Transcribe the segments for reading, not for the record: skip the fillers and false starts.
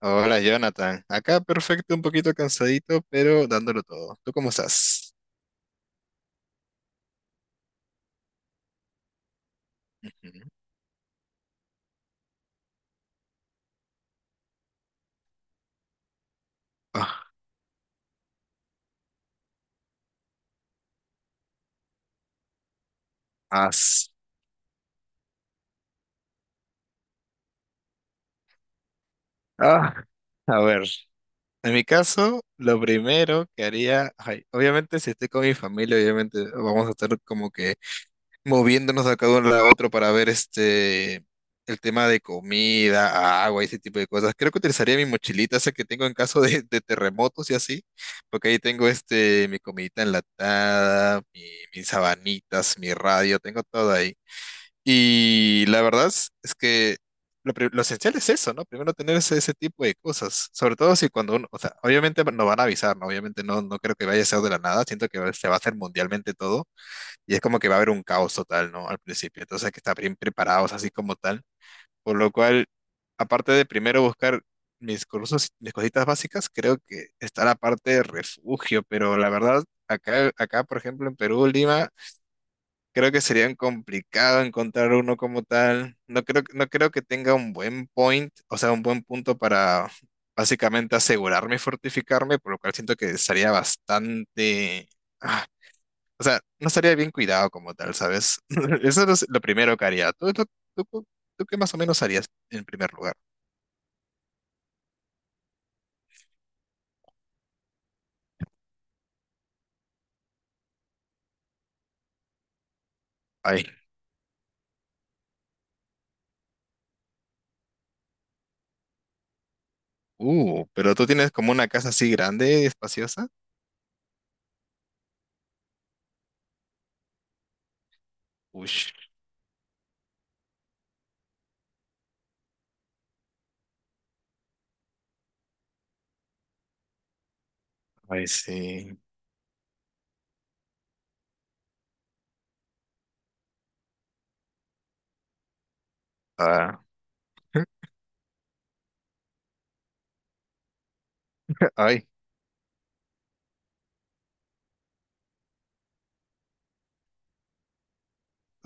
Hola Jonathan, acá perfecto, un poquito cansadito, pero dándolo todo. ¿Tú cómo estás? Ujú. Ah, as- ah, a ver, en mi caso, lo primero que haría, ay, obviamente si estoy con mi familia, obviamente vamos a estar como que moviéndonos acá de cada uno a otro para ver este el tema de comida, agua, ese tipo de cosas. Creo que utilizaría mi mochilita, esa que tengo en caso de terremotos y así, porque ahí tengo este mi comidita enlatada, mis sabanitas, mi radio, tengo todo ahí. Y la verdad es que lo esencial es eso, ¿no? Primero tener ese, ese tipo de cosas, sobre todo si cuando uno, o sea, obviamente nos van a avisar, ¿no? Obviamente no creo que vaya a ser de la nada, siento que se va a hacer mundialmente todo y es como que va a haber un caos total, ¿no? Al principio. Entonces hay que estar bien preparados así como tal. Por lo cual, aparte de primero buscar mis cursos, mis cositas básicas, creo que está la parte de refugio, pero la verdad, acá, por ejemplo, en Perú, Lima, creo que sería complicado encontrar uno como tal. No creo que tenga un buen point, o sea, un buen punto para básicamente asegurarme y fortificarme, por lo cual siento que estaría bastante... ah, o sea, no estaría bien cuidado como tal, ¿sabes? Eso es lo primero que haría. Tú, tú- tú qué más o menos harías en primer lugar? Ay, pero tú tienes como una casa así grande, espaciosa. Uy, ay, sí. Ah, ay,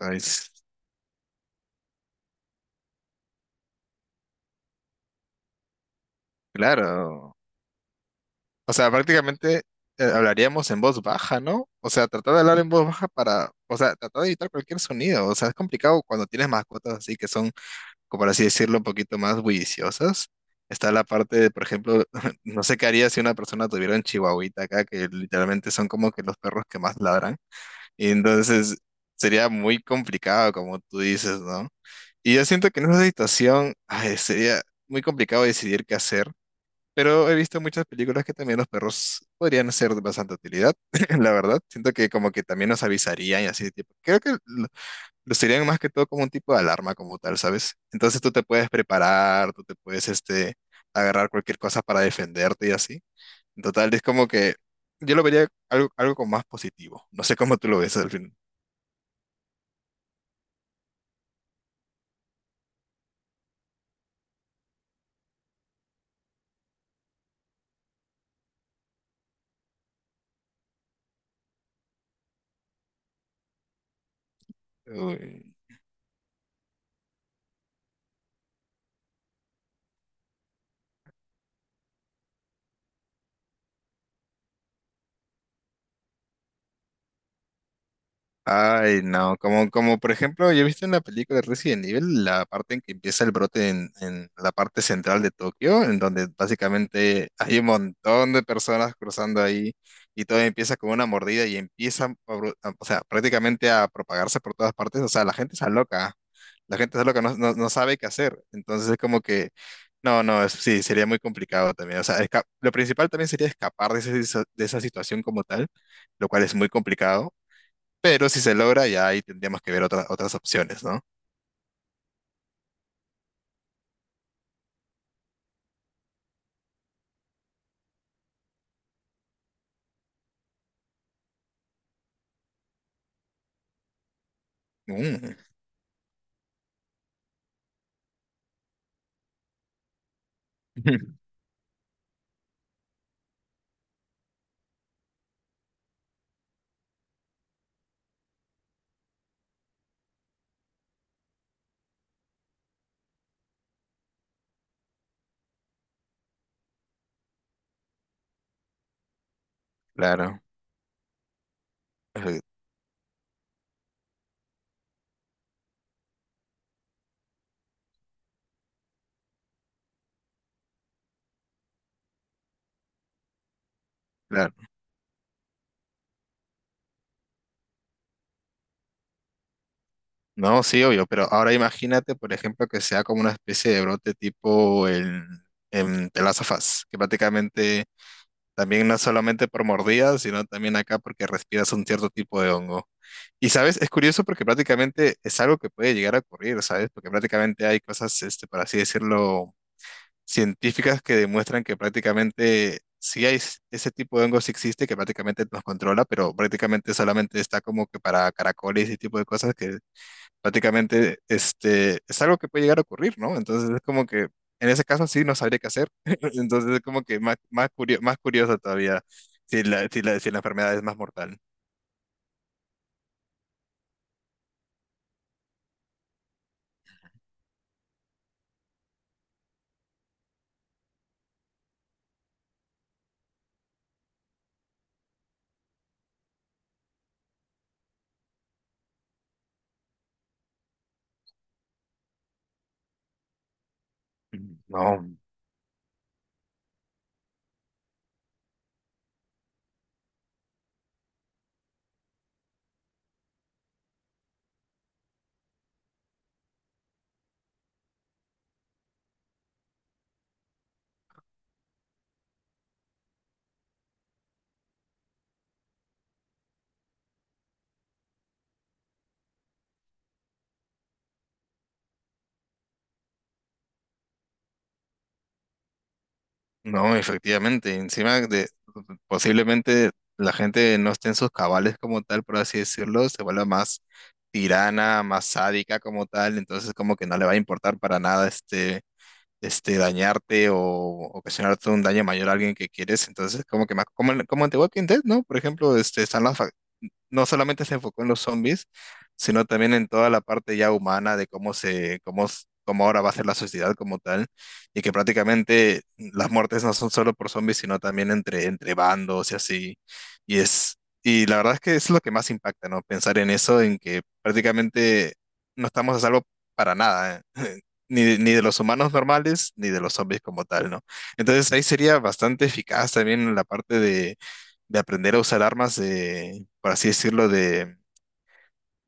ay, s- claro. O sea, prácticamente hablaríamos en voz baja, ¿no? O sea, tratar de hablar en voz baja para, o sea, tratar de evitar cualquier sonido. O sea, es complicado cuando tienes mascotas así que son como por así decirlo, un poquito más bulliciosas. Está la parte de, por ejemplo, no sé qué haría si una persona tuviera un chihuahuita acá, que literalmente son como que los perros que más ladran. Y entonces sería muy complicado, como tú dices, ¿no? Y yo siento que en esa situación ay, sería muy complicado decidir qué hacer, pero he visto muchas películas que también los perros podrían ser de bastante utilidad, la verdad. Siento que como que también nos avisarían y así, tipo, creo que lo sirven más que todo como un tipo de alarma como tal, ¿sabes? Entonces tú te puedes preparar, tú te puedes este, agarrar cualquier cosa para defenderte y así. En total, es como que yo lo vería algo, algo como más positivo. No sé cómo tú lo ves al fin. Uy. Ay, no, como, como por ejemplo, yo he visto en la película de Resident Evil la parte en que empieza el brote en la parte central de Tokio, en donde básicamente hay un montón de personas cruzando ahí y todo empieza con una mordida y empieza, o sea, prácticamente a propagarse por todas partes, o sea, la gente está loca, la gente está loca, no sabe qué hacer, entonces es como que, no, no, es- sí, sería muy complicado también, o sea, lo principal también sería escapar de esa situación como tal, lo cual es muy complicado. Pero si se logra, ya ahí tendríamos que ver otras opciones, ¿no? Mm. Claro, eh, claro. No, sí, obvio, pero ahora imagínate, por ejemplo, que sea como una especie de brote tipo en The Last of Us, que prácticamente también no es solamente por mordidas, sino también acá porque respiras un cierto tipo de hongo. Y sabes, es curioso porque prácticamente es algo que puede llegar a ocurrir, ¿sabes? Porque prácticamente hay cosas, este, por así decirlo, científicas que demuestran que prácticamente ese tipo de hongo sí existe, que prácticamente nos controla, pero prácticamente solamente está como que para caracoles y ese tipo de cosas que prácticamente este, es algo que puede llegar a ocurrir, ¿no? Entonces es como que en ese caso sí no sabría qué hacer. Entonces es como que más curioso todavía si la enfermedad es más mortal. No. No, efectivamente, encima de posiblemente la gente no esté en sus cabales como tal, por así decirlo, se vuelva más tirana, más sádica como tal, entonces como que no le va a importar para nada este, este dañarte o ocasionarte un daño mayor a alguien que quieres, entonces como que más, como, como en The Walking Dead, ¿no? Por ejemplo, este, están las. No solamente se enfocó en los zombies, sino también en toda la parte ya humana de cómo cómo ahora va a ser la sociedad como tal, y que prácticamente las muertes no son solo por zombies, sino también entre, entre bandos y así. Y es, y la verdad es que es lo que más impacta, ¿no? Pensar en eso, en que prácticamente no estamos a salvo para nada, ¿eh? Ni de los humanos normales, ni de los zombies como tal, ¿no? Entonces ahí sería bastante eficaz también la parte de aprender a usar armas de, por así decirlo, de,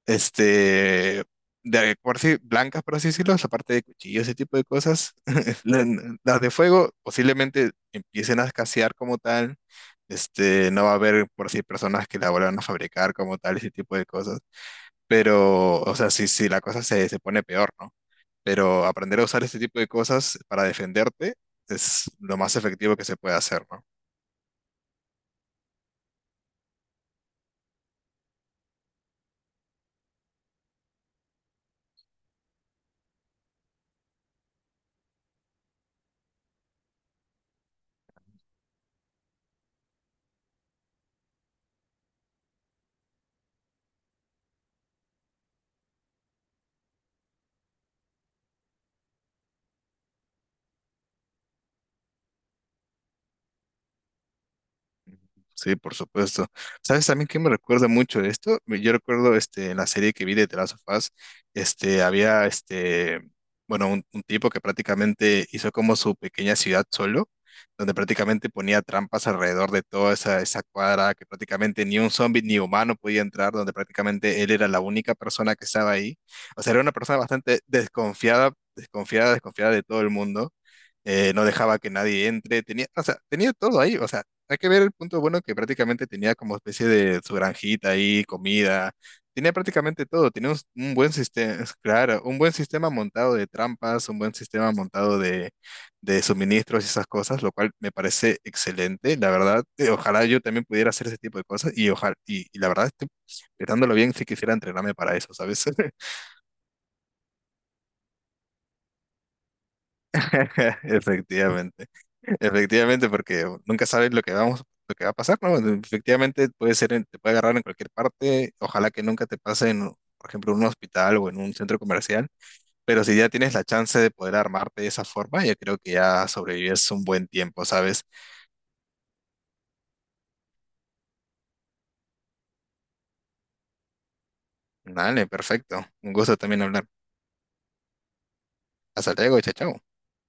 este, de, por así, blancas, por así decirlo, la parte de cuchillos, ese tipo de cosas. La- Las de fuego posiblemente empiecen a escasear como tal. Este, no va a haber, por así, personas que la vuelvan a fabricar como tal, ese tipo de cosas. Pero, o sea, sí, la cosa se pone peor, ¿no? Pero aprender a usar este tipo de cosas para defenderte es lo más efectivo que se puede hacer, ¿no? Sí, por supuesto. ¿Sabes también qué me recuerda mucho esto? Yo recuerdo este, en la serie que vi de The Last of Us, este, había este, bueno, un tipo que prácticamente hizo como su pequeña ciudad solo, donde prácticamente ponía trampas alrededor de toda esa, esa cuadra, que prácticamente ni un zombie ni humano podía entrar, donde prácticamente él era la única persona que estaba ahí. O sea, era una persona bastante desconfiada de todo el mundo no dejaba que nadie entre, tenía, o sea, tenía todo ahí, o sea, hay que ver el punto bueno que prácticamente tenía como especie de su granjita ahí, comida, tenía prácticamente todo, tenía un buen sistema, claro, un buen sistema montado de trampas, un buen sistema montado de suministros y esas cosas, lo cual me parece excelente, la verdad, ojalá yo también pudiera hacer ese tipo de cosas y ojalá, y la verdad, estoy pensándolo bien si quisiera entrenarme para eso, ¿sabes? Efectivamente. Efectivamente, porque nunca sabes lo que va a pasar, ¿no? Efectivamente puede ser, te puede agarrar en cualquier parte, ojalá que nunca te pase en, por ejemplo, en un hospital o en un centro comercial, pero si ya tienes la chance de poder armarte de esa forma, yo creo que ya sobrevives un buen tiempo, ¿sabes? Dale, perfecto. Un gusto también hablar. Hasta luego, chao, chao.